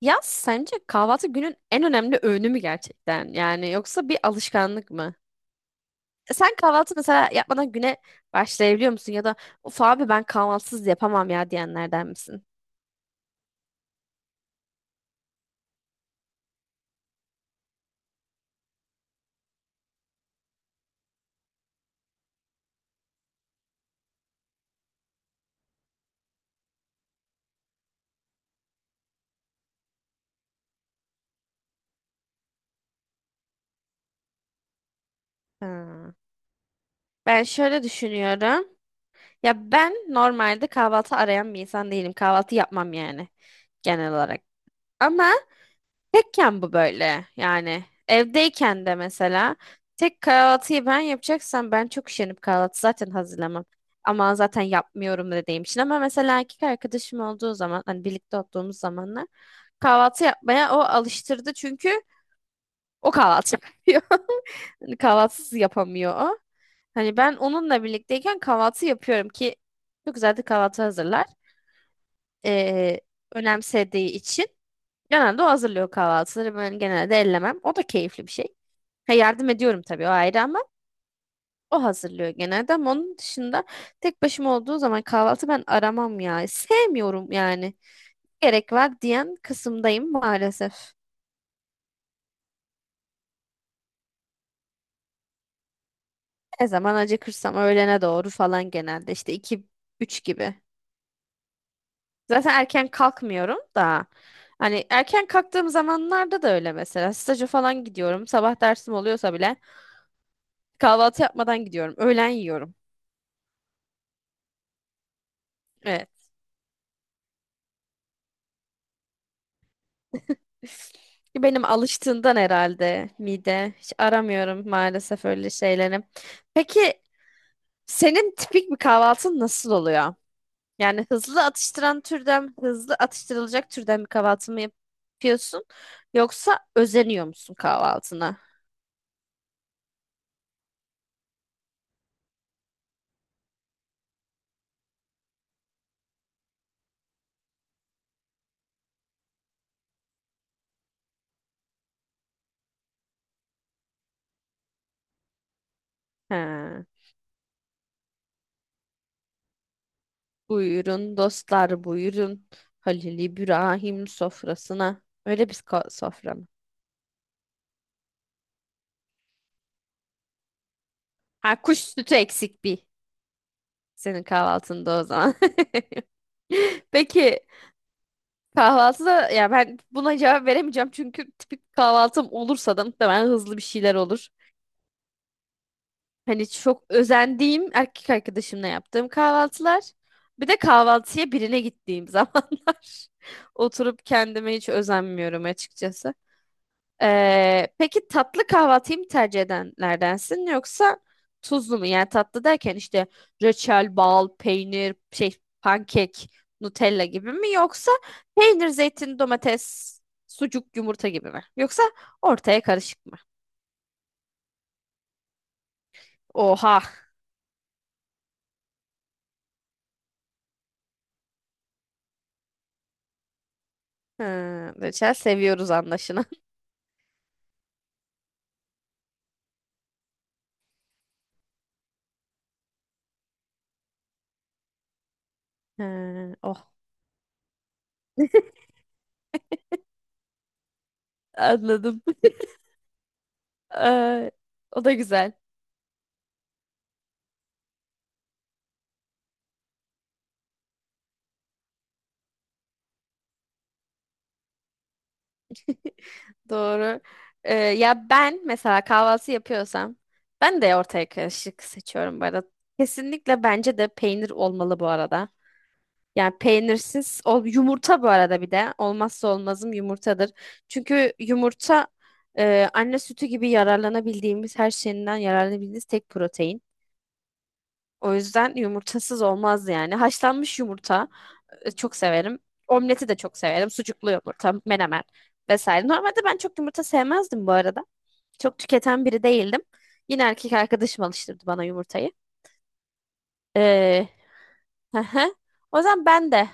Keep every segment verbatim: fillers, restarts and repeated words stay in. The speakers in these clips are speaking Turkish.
Ya sence kahvaltı günün en önemli öğünü mü gerçekten? Yani yoksa bir alışkanlık mı? E, Sen kahvaltı mesela yapmadan güne başlayabiliyor musun? Ya da of abi ben kahvaltısız yapamam ya diyenlerden misin? Ha. Ben şöyle düşünüyorum. Ya ben normalde kahvaltı arayan bir insan değilim. Kahvaltı yapmam yani genel olarak. Ama Tekken bu böyle yani evdeyken de mesela tek kahvaltıyı ben yapacaksam ben çok üşenip kahvaltı zaten hazırlamam. Ama zaten yapmıyorum dediğim için, ama mesela erkek arkadaşım olduğu zaman, hani birlikte olduğumuz zamanlar, kahvaltı yapmaya o alıştırdı çünkü o kahvaltı yapıyor. Hani kahvaltısız yapamıyor o. Hani ben onunla birlikteyken kahvaltı yapıyorum ki çok güzel de kahvaltı hazırlar. Ee, Önemsediği için. Genelde o hazırlıyor kahvaltıları. Ben genelde ellemem. O da keyifli bir şey. Ha, yardım ediyorum tabii, o ayrı, ama o hazırlıyor genelde. Ama onun dışında tek başıma olduğu zaman kahvaltı ben aramam ya. Sevmiyorum yani. Gerek var diyen kısımdayım maalesef. Ne zaman acıkırsam, öğlene doğru falan, genelde işte iki üç gibi. Zaten erken kalkmıyorum da. Hani erken kalktığım zamanlarda da öyle mesela. Staja falan gidiyorum. Sabah dersim oluyorsa bile kahvaltı yapmadan gidiyorum. Öğlen yiyorum. Benim alıştığından herhalde mide. Hiç aramıyorum maalesef öyle şeyleri. Peki senin tipik bir kahvaltın nasıl oluyor? Yani hızlı atıştıran türden, hızlı atıştırılacak türden bir kahvaltı mı yapıyorsun? Yoksa özeniyor musun kahvaltına? He. Buyurun dostlar, buyurun. Halil İbrahim sofrasına. Öyle bir ko- sofra mı? Ha, kuş sütü eksik bir senin kahvaltında o zaman. Peki kahvaltı da, ya, ben buna cevap veremeyeceğim çünkü tipik kahvaltım olursa da muhtemelen hızlı bir şeyler olur. Hani çok özendiğim, erkek arkadaşımla yaptığım kahvaltılar. Bir de kahvaltıya birine gittiğim zamanlar. Oturup kendime hiç özenmiyorum açıkçası. Ee, peki tatlı kahvaltıyı mı tercih edenlerdensin yoksa tuzlu mu? Yani tatlı derken işte reçel, bal, peynir, şey, pankek, Nutella gibi mi, yoksa peynir, zeytin, domates, sucuk, yumurta gibi mi? Yoksa ortaya karışık mı? Oha. Ha, reçel seviyoruz anlaşılan. Ha, oh, anladım. Ee, O da güzel. Doğru. Ee, ya ben mesela kahvaltı yapıyorsam ben de ortaya karışık seçiyorum bu arada. Kesinlikle bence de peynir olmalı bu arada. Yani peynirsiz ol yumurta bu arada bir de olmazsa olmazım yumurtadır. Çünkü yumurta e, anne sütü gibi yararlanabildiğimiz, her şeyinden yararlanabildiğimiz tek protein. O yüzden yumurtasız olmaz yani. Haşlanmış yumurta e, çok severim. Omleti de çok severim. Sucuklu yumurta, menemen vesaire. Normalde ben çok yumurta sevmezdim bu arada. Çok tüketen biri değildim. Yine erkek arkadaşım alıştırdı bana yumurtayı. Ee, hı hı. O zaman ben de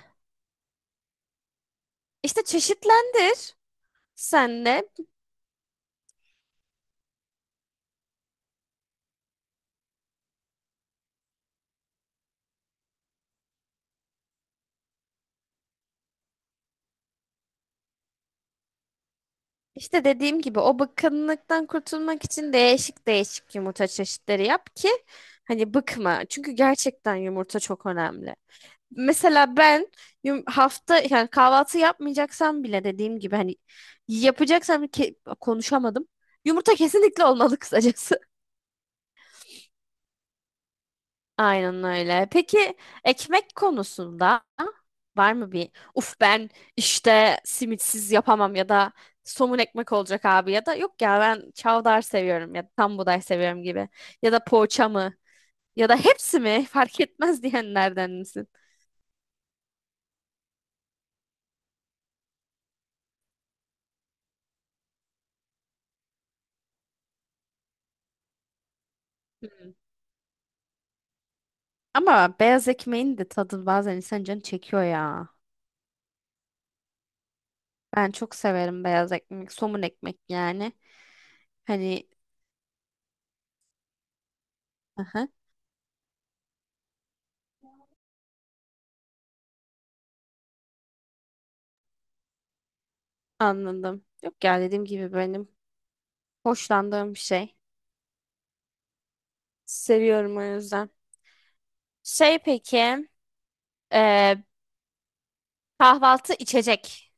işte çeşitlendir senle. İşte dediğim gibi o bıkkınlıktan kurtulmak için değişik değişik yumurta çeşitleri yap ki hani bıkma. Çünkü gerçekten yumurta çok önemli. Mesela ben yum- hafta yani kahvaltı yapmayacaksam bile, dediğim gibi hani yapacaksam ke- konuşamadım. Yumurta kesinlikle olmalı kısacası. Aynen öyle. Peki ekmek konusunda var mı bir uf, ben işte simitsiz yapamam ya da somun ekmek olacak abi ya da yok ya ben çavdar seviyorum ya da tam buğday seviyorum gibi ya da poğaça mı ya da hepsi mi fark etmez diyenlerden misin? Ama beyaz ekmeğin de tadı bazen insan canı çekiyor ya. Ben çok severim beyaz ekmek, somun ekmek yani. Hani aha, anladım. Yok ya, dediğim gibi, benim hoşlandığım bir şey. Seviyorum o yüzden. Şey, peki, e, kahvaltı içecek.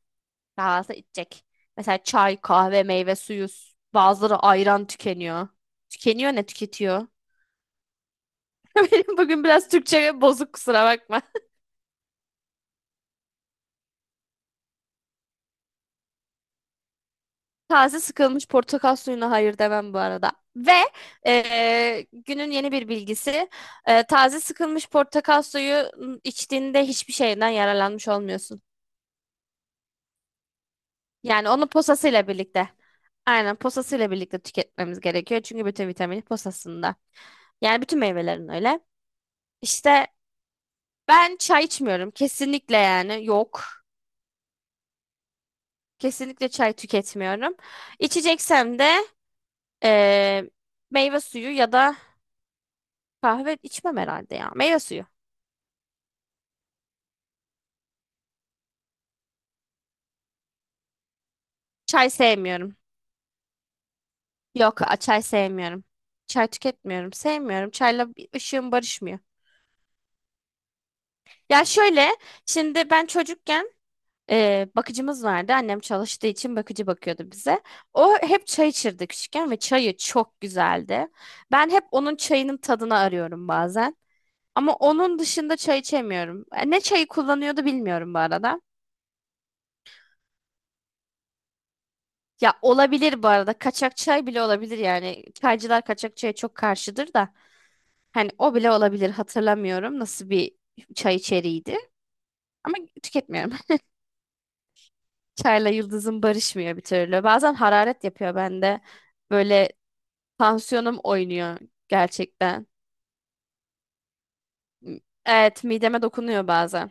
Kahvaltı içecek. Mesela çay, kahve, meyve suyu. Bazıları ayran tükeniyor. Tükeniyor ne tüketiyor? Benim bugün biraz Türkçe bozuk, kusura bakma. Taze sıkılmış portakal suyuna hayır demem bu arada. Ve eee, günün yeni bir bilgisi. Eee, taze sıkılmış portakal suyu içtiğinde hiçbir şeyden yararlanmış olmuyorsun. Yani onu posasıyla birlikte. Aynen, posasıyla birlikte tüketmemiz gerekiyor. Çünkü bütün vitamini posasında. Yani bütün meyvelerin öyle. İşte ben çay içmiyorum. Kesinlikle yani, yok. Kesinlikle çay tüketmiyorum. İçeceksem de eee, meyve suyu ya da kahve içmem herhalde ya. Meyve suyu. Çay sevmiyorum. Yok, a- Çay sevmiyorum. Çay tüketmiyorum. Sevmiyorum. Çayla bir ışığım barışmıyor. Ya şöyle, şimdi ben çocukken e, bakıcımız vardı. Annem çalıştığı için bakıcı bakıyordu bize. O hep çay içirdi küçükken ve çayı çok güzeldi. Ben hep onun çayının tadını arıyorum bazen. Ama onun dışında çay içemiyorum. E, Ne çayı kullanıyordu bilmiyorum bu arada. Ya, olabilir bu arada. Kaçak çay bile olabilir yani. Çaycılar kaçak çaya çok karşıdır da. Hani o bile olabilir, hatırlamıyorum nasıl bir çay içeriğiydi. Ama tüketmiyorum. Çayla yıldızım barışmıyor bir türlü. Bazen hararet yapıyor bende. Böyle tansiyonum oynuyor gerçekten. Evet, mideme dokunuyor bazen.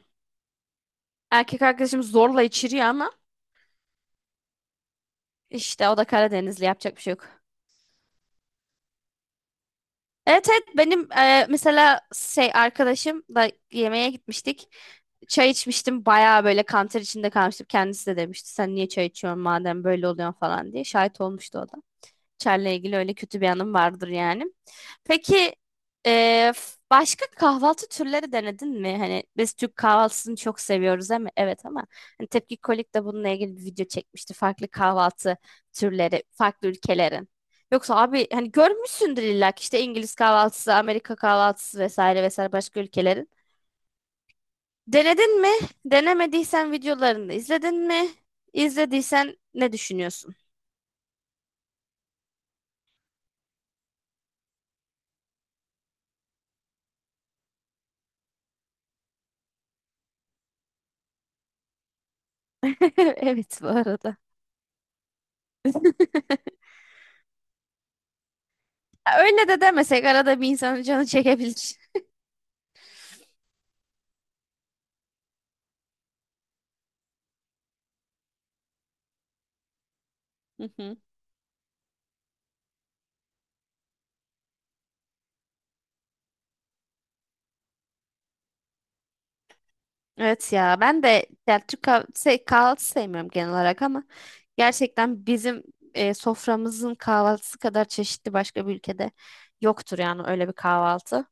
Erkek arkadaşım zorla içiriyor ama işte o da Karadenizli, yapacak bir şey yok. Evet evet, benim e, mesela şey arkadaşım da yemeğe gitmiştik. Çay içmiştim, bayağı böyle kanter içinde kalmıştım. Kendisi de demişti sen niye çay içiyorsun madem böyle oluyorsun falan diye. Şahit olmuştu o da. Çer'le ilgili öyle kötü bir anım vardır yani. Peki e, f- başka kahvaltı türleri denedin mi? Hani biz Türk kahvaltısını çok seviyoruz ama evet ama hani Tepki Kolik de bununla ilgili bir video çekmişti. Farklı kahvaltı türleri, farklı ülkelerin. Yoksa abi hani görmüşsündür illa ki, işte İngiliz kahvaltısı, Amerika kahvaltısı vesaire vesaire, başka ülkelerin. Denedin mi? Denemediysen videolarını izledin mi? İzlediysen ne düşünüyorsun? Evet bu arada. Ya öyle de demesek, arada bir insanın canı çekebilir. Hı hı. Evet ya, ben de ya Türk kah- şey, kahvaltı sevmiyorum genel olarak ama gerçekten bizim e, soframızın kahvaltısı kadar çeşitli başka bir ülkede yoktur yani, öyle bir kahvaltı.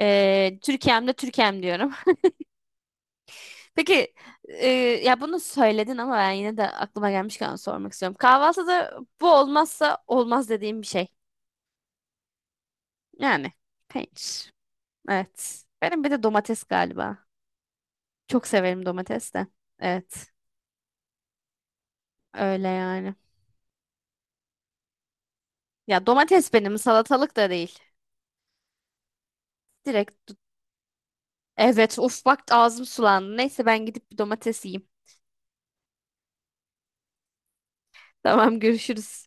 E, Türkiye'm de Türkiye'm diyorum. Peki e, ya bunu söyledin ama ben yine de aklıma gelmişken sormak istiyorum. Kahvaltıda bu olmazsa olmaz dediğim bir şey. Yani peynir. Evet. Benim bir de domates galiba. Çok severim domates de. Evet. Öyle yani. Ya domates, benim salatalık da değil. Direkt, evet, uf bak ağzım sulandı. Neyse ben gidip bir domates yiyeyim. Tamam, görüşürüz.